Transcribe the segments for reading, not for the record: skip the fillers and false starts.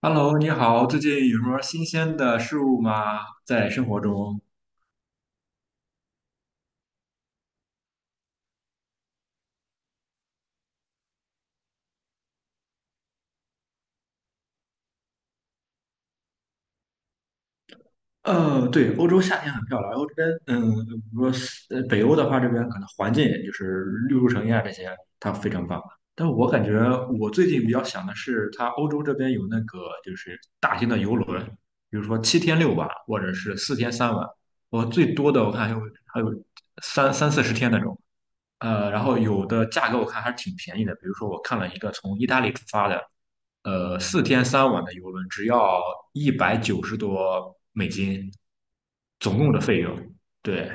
Hello，你好，最近有什么新鲜的事物吗？在生活中？对，欧洲夏天很漂亮。欧洲这边，比如说北欧的话，这边可能环境就是绿树成荫啊，这些它非常棒。但我感觉我最近比较想的是，它欧洲这边有那个就是大型的游轮，比如说7天6晚，或者是四天三晚。我最多的我看还有还有三四十天那种。然后有的价格我看还是挺便宜的，比如说我看了一个从意大利出发的。四天三晚的游轮只要190多美金，总共的费用。对，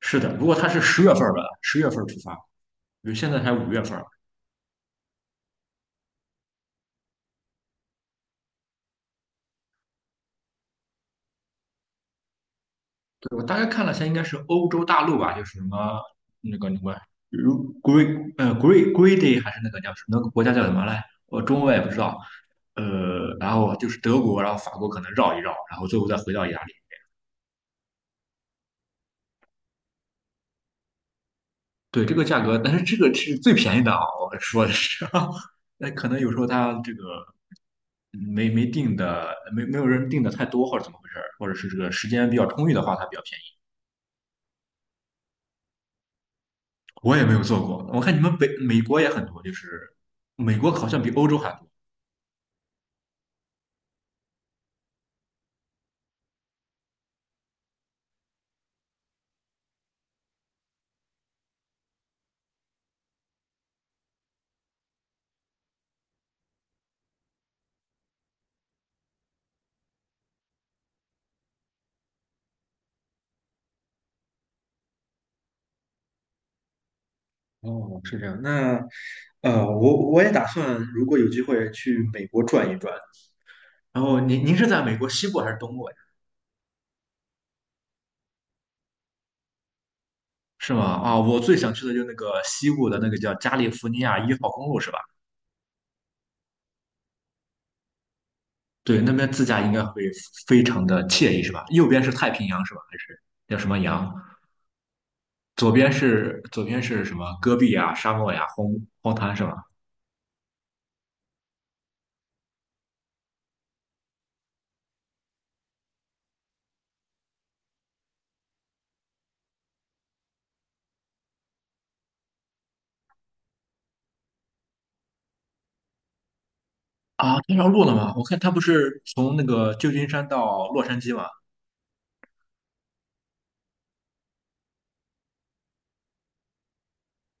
是的，如果它是十月份儿的，十月份儿出发，比如现在才5月份儿，对，我大概看了一下，应该是欧洲大陆吧，就是什么那个什么，如 Greedy 还是那个叫什么那个国家叫什么来？我中文我也不知道。然后就是德国，然后法国可能绕一绕，然后最后再回到意大利。对这个价格，但是这个是最便宜的啊，我说的是，那可能有时候他这个没定的，没有人定的太多，或者怎么回事儿，或者是这个时间比较充裕的话，它比较便宜。我也没有做过，我看你们北美国也很多，就是美国好像比欧洲还多。哦，是这样。那我也打算，如果有机会去美国转一转。然后您是在美国西部还是东部呀？是吗？啊，我最想去的就是那个西部的那个叫加利福尼亚1号公路，是吧？对，那边自驾应该会非常的惬意，是吧？右边是太平洋，是吧？还是叫什么洋？左边是什么？戈壁啊、沙漠呀、荒滩是吧？啊，这条路了吗？我看它不是从那个旧金山到洛杉矶吗？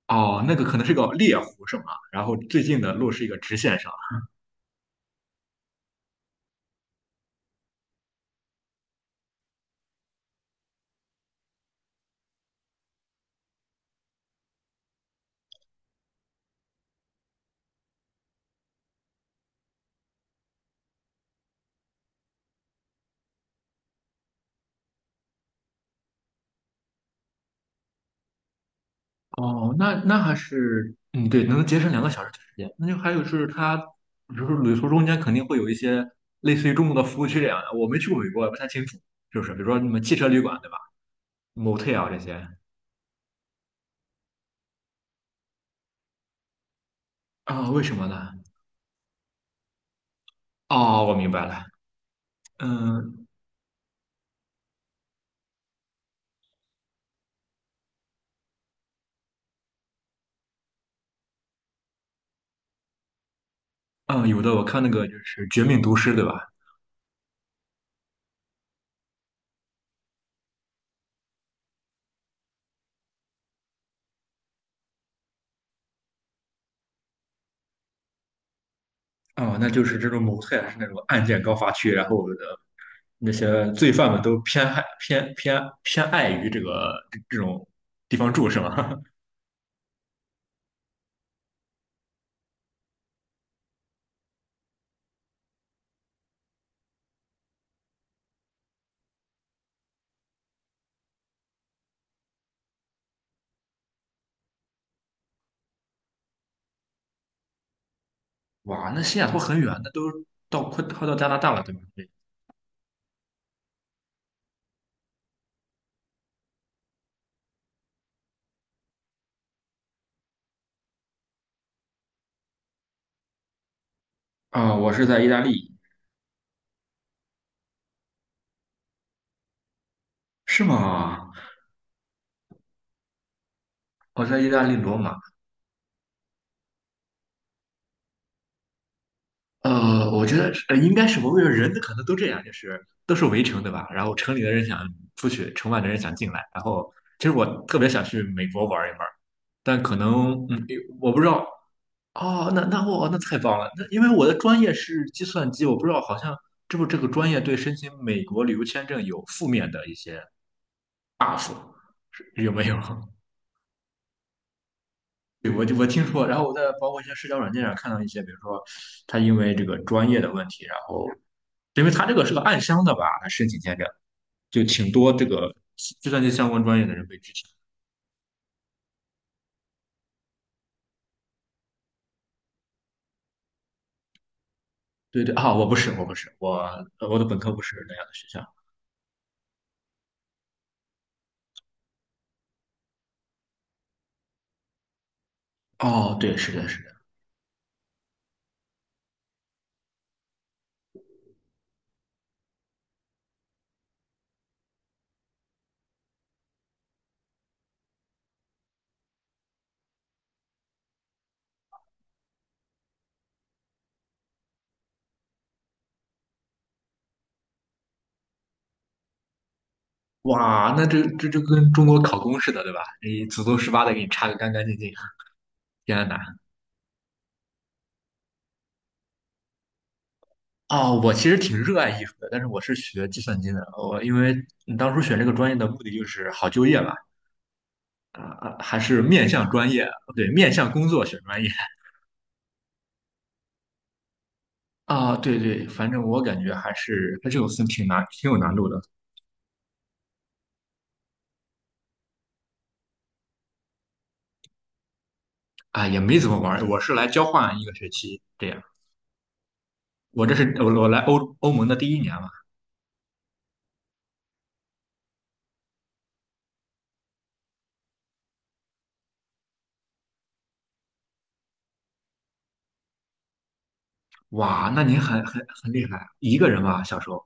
哦，那个可能是个猎湖是吗？然后最近的路是一个直线上。哦，那还是嗯，对，能节省2个小时的时间。那就还有就是它，比如说旅途中间肯定会有一些类似于中国的服务区这样的，我没去过美国，也不太清楚，是不是？比如说什么汽车旅馆，对吧？motel 啊这些。啊、为什么呢？哦，我明白了。嗯嗯，有的我看那个就是《绝命毒师》，对吧？哦，那就是这种 motel 是那种案件高发区，然后的那些罪犯们都偏爱于这个这种地方住，是吗？哇，那西雅图很远，那都到快到加拿大了，对吧？对啊、我是在意大利，是吗？我在意大利罗马，我觉得应该是，我为觉人可能都这样，就是都是围城，对吧？然后城里的人想出去，城外的人想进来。然后其实我特别想去美国玩一玩，但可能我不知道。哦，那我那太棒了，那因为我的专业是计算机，我不知道好像这不这个专业对申请美国旅游签证有负面的一些 buff，是有没有？对，我听说，然后我在包括一些社交软件上看到一些，比如说他因为这个专业的问题，然后。因为他这个是个暗箱的吧，他申请签证就挺多这个计算机相关专业的人被拒签。对对啊，我不是，我不是，我的本科不是那样的学校。哦，对，是的，是的。哇，那这就跟中国考公似的，对吧？你祖宗十八代给你查个干干净净。天呐！哦，我其实挺热爱艺术的，但是我是学计算机的。我因为你当初选这个专业的目的就是好就业嘛，啊、啊还是面向专业，对，面向工作选专业。啊，对对，反正我感觉还是有分挺难，挺有难度的。啊，也没怎么玩儿，我是来交换一个学期这样。我这是我来欧盟的第一年嘛，哇，那您很厉害啊，一个人吧，小时候，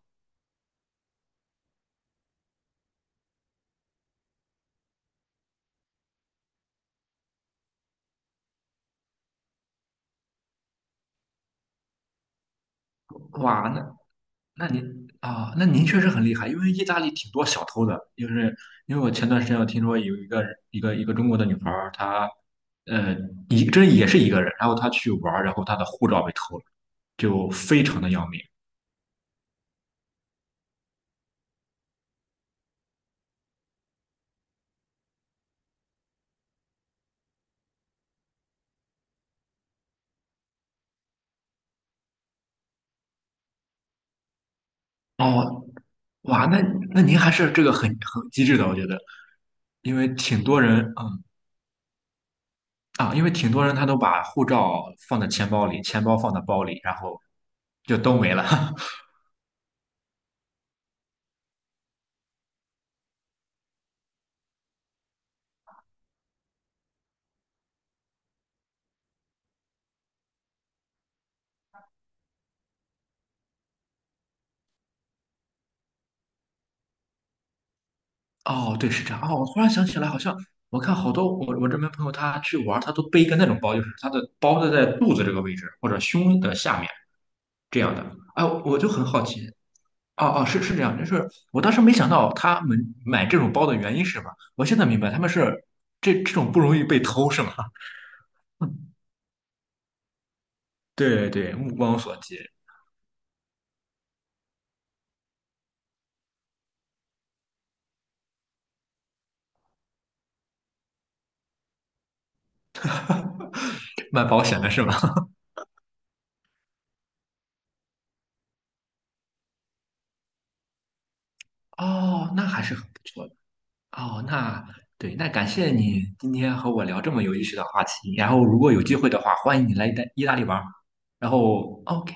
哇，那您啊，那您确实很厉害，因为意大利挺多小偷的，就是因为我前段时间我听说有一个中国的女孩儿，她呃这也是一个人，然后她去玩儿，然后她的护照被偷了，就非常的要命。哦，哇，那您还是这个很机智的，我觉得，因为挺多人，因为挺多人他都把护照放在钱包里，钱包放在包里，然后就都没了。哦，对，是这样。哦，我忽然想起来，好像我看好多我这边朋友他去玩他都背一个那种包，就是他的包都在肚子这个位置或者胸的下面这样的。哎，我就很好奇。哦哦，是这样，就是我当时没想到他们买这种包的原因是什么，我现在明白他们是这种不容易被偷是吗？对对，目光所及，卖保险的是吗？哦，那还是很不错的。哦，那对，那感谢你今天和我聊这么有意思的话题。然后，如果有机会的话，欢迎你来意大利玩儿然后，OK。